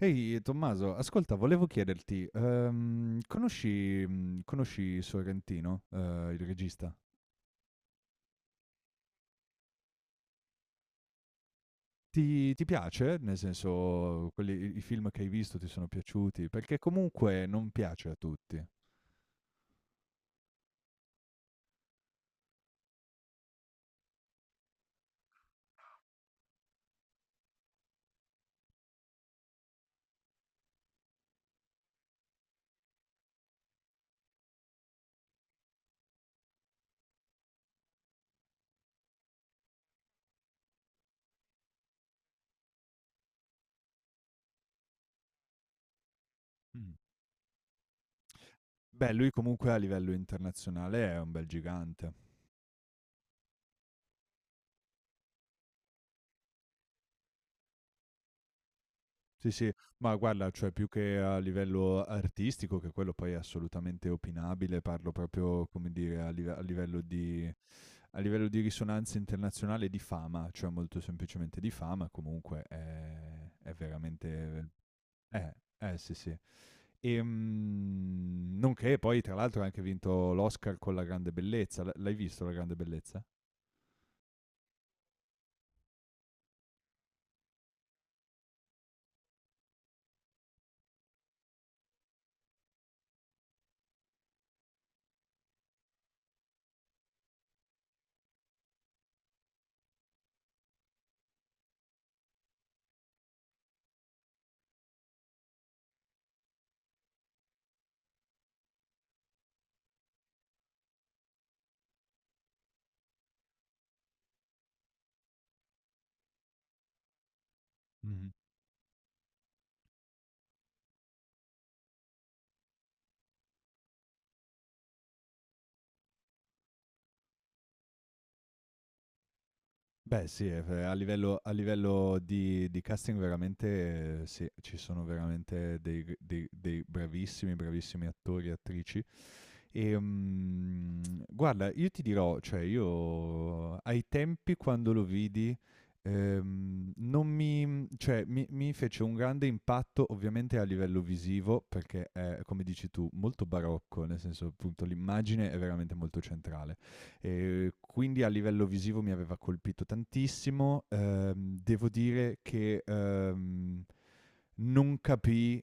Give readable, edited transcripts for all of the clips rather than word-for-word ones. Ehi Tommaso, ascolta, volevo chiederti, conosci, conosci Sorrentino, il regista? Ti piace? Nel senso, i film che hai visto ti sono piaciuti? Perché comunque non piace a tutti. Mm. Beh, lui comunque a livello internazionale è un bel gigante. Sì, sì, ma guarda, cioè più che a livello artistico, che quello poi è assolutamente opinabile, parlo proprio, come dire, a livello di risonanza internazionale e di fama, cioè molto semplicemente di fama, comunque è veramente eh, sì, sì. Nonché poi tra l'altro ha anche vinto l'Oscar con La grande bellezza. L'hai visto La grande bellezza? Mh-mh. Beh sì, a livello di casting veramente sì, ci sono veramente dei dei bravissimi, bravissimi attori e attrici, e, mm, guarda, io ti dirò, cioè io ai tempi quando lo vidi, non mi, cioè, mi fece un grande impatto ovviamente a livello visivo, perché è, come dici tu, molto barocco, nel senso appunto l'immagine è veramente molto centrale. E quindi a livello visivo mi aveva colpito tantissimo. Devo dire che... non capì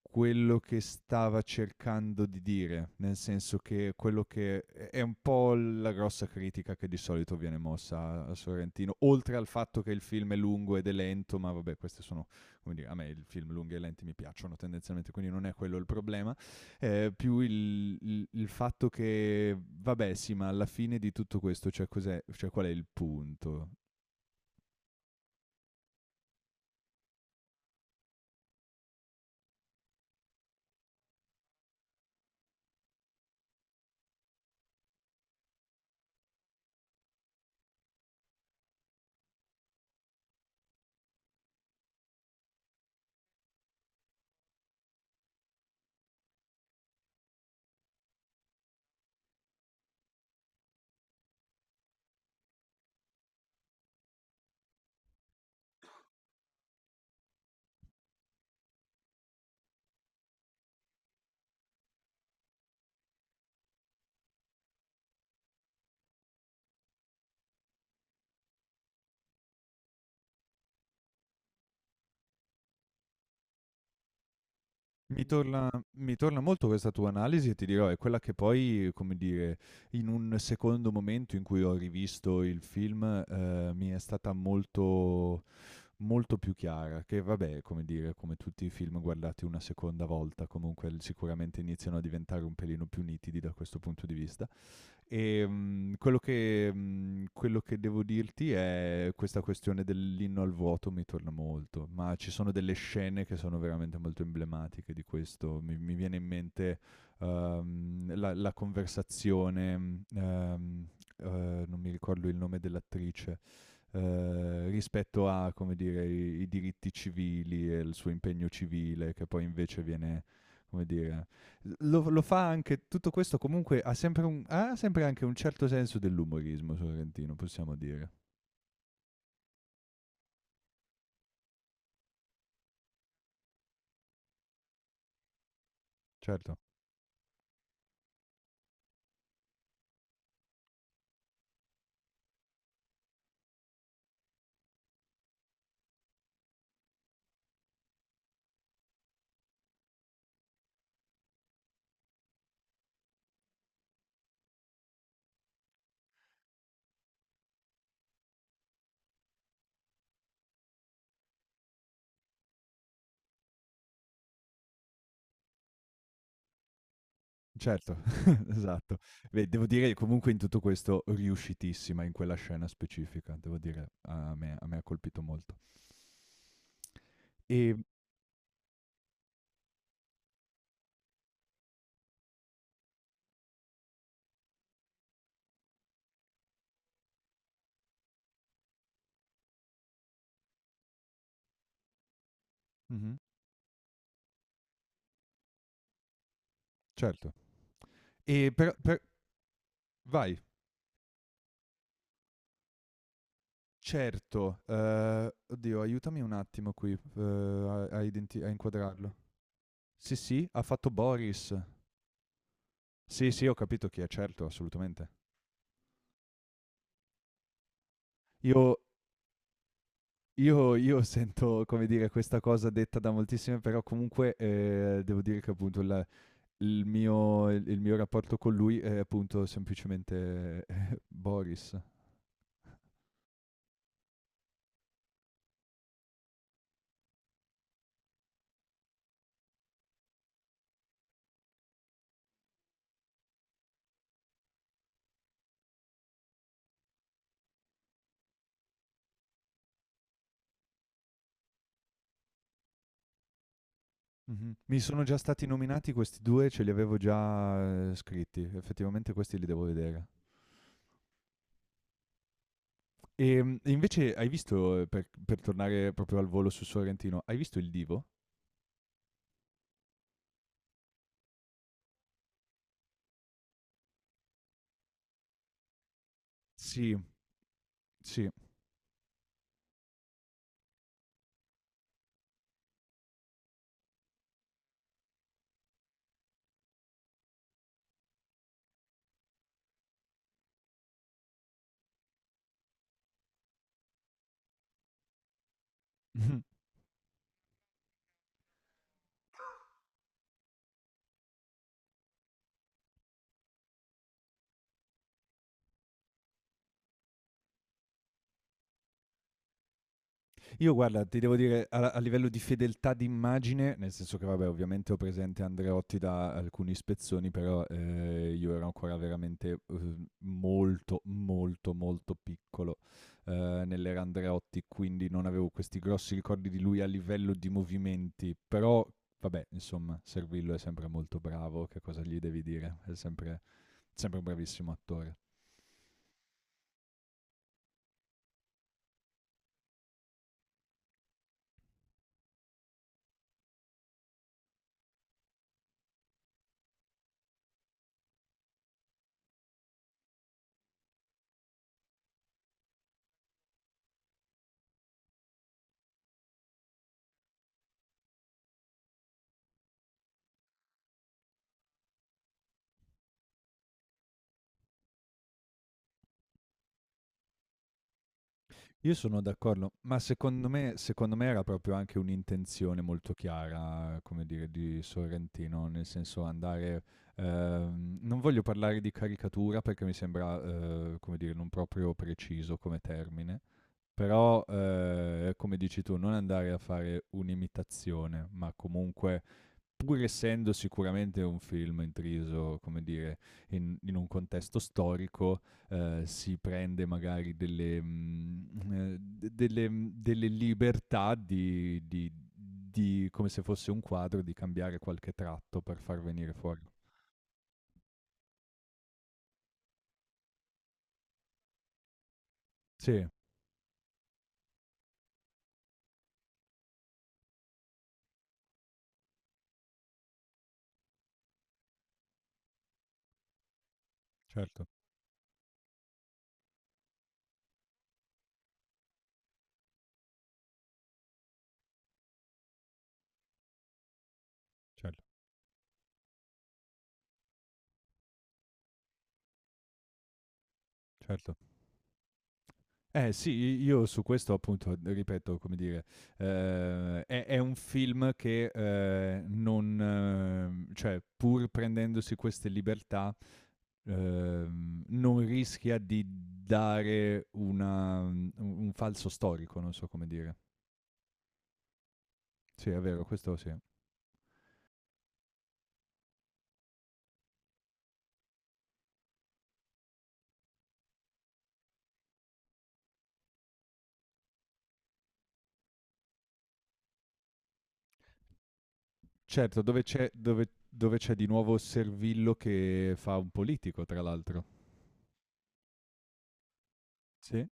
quello che stava cercando di dire, nel senso che quello che è un po' la grossa critica che di solito viene mossa a Sorrentino, oltre al fatto che il film è lungo ed è lento, ma vabbè, queste sono, come dire, a me i film lunghi e lenti mi piacciono tendenzialmente, quindi non è quello il problema, più fatto che, vabbè sì, ma alla fine di tutto questo, cioè cos'è, cioè qual è il punto? Mi torna Mi torna molto questa tua analisi e ti dirò, è quella che poi, come dire, in un secondo momento in cui ho rivisto il film, mi è stata molto molto più chiara, che vabbè, come dire, come tutti i film guardati una seconda volta, comunque l sicuramente iniziano a diventare un pelino più nitidi da questo punto di vista. E quello che devo dirti è questa questione dell'inno al vuoto mi torna molto, ma ci sono delle scene che sono veramente molto emblematiche di questo. Mi viene in mente la conversazione, non mi ricordo il nome dell'attrice, rispetto a, come dire, i diritti civili e il suo impegno civile, che poi invece viene, come dire, lo fa anche, tutto questo comunque ha sempre, ha sempre anche un certo senso dell'umorismo sorrentino, possiamo dire. Certo, certo, esatto. Beh, devo dire che comunque in tutto questo riuscitissima in quella scena specifica, devo dire, a me ha colpito molto. E, Mhm, certo. E però, vai. Certo, oddio, aiutami un attimo qui a inquadrarlo. Sì, sì, ha fatto Boris. Sì, sì, ho capito chi è, certo, assolutamente. Io, io sento, come dire, questa cosa detta da moltissime, però comunque devo dire che appunto il mio, il mio rapporto con lui è appunto semplicemente Boris. Mhm. Mi sono già stati nominati questi due, ce li avevo già scritti, effettivamente questi li devo vedere. E invece hai visto, per tornare proprio al volo su Sorrentino, hai visto il Divo? Sì, sì. Io guarda, ti devo dire, a livello di fedeltà d'immagine, nel senso che, vabbè, ovviamente ho presente Andreotti da alcuni spezzoni, però io ero ancora veramente molto, molto, molto piccolo nell'era Andreotti, quindi non avevo questi grossi ricordi di lui a livello di movimenti, però, vabbè, insomma, Servillo è sempre molto bravo, che cosa gli devi dire? È sempre sempre un bravissimo attore. Io sono d'accordo, ma secondo me era proprio anche un'intenzione molto chiara, come dire, di Sorrentino, nel senso andare... non voglio parlare di caricatura perché mi sembra, come dire, non proprio preciso come termine, però, come dici tu, non andare a fare un'imitazione, ma comunque pur essendo sicuramente un film intriso, come dire, in un contesto storico, si prende magari delle, mm, delle, mm, delle libertà di, come se fosse un quadro, di cambiare qualche tratto per far venire fuori. Sì, certo, certo, certo. Eh sì, io su questo appunto, ripeto, come dire, è un film che non, cioè pur prendendosi queste libertà, non rischia di dare una, un falso storico, non so come dire. Sì, è vero, questo sì. Certo, dove c'è, dove c'è di nuovo Servillo che fa un politico, tra l'altro. Sì.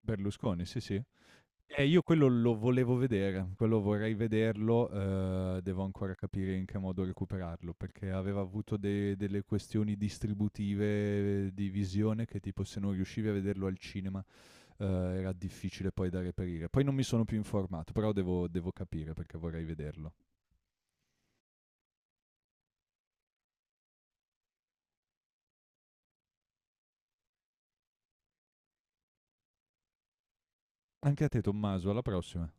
Berlusconi, sì, sì. E io quello lo volevo vedere, quello vorrei vederlo, devo ancora capire in che modo recuperarlo, perché aveva avuto delle questioni distributive di visione che tipo se non riuscivi a vederlo al cinema eh, era difficile poi da reperire. Poi non mi sono più informato, però devo, devo capire perché vorrei vederlo. Anche a te Tommaso, alla prossima.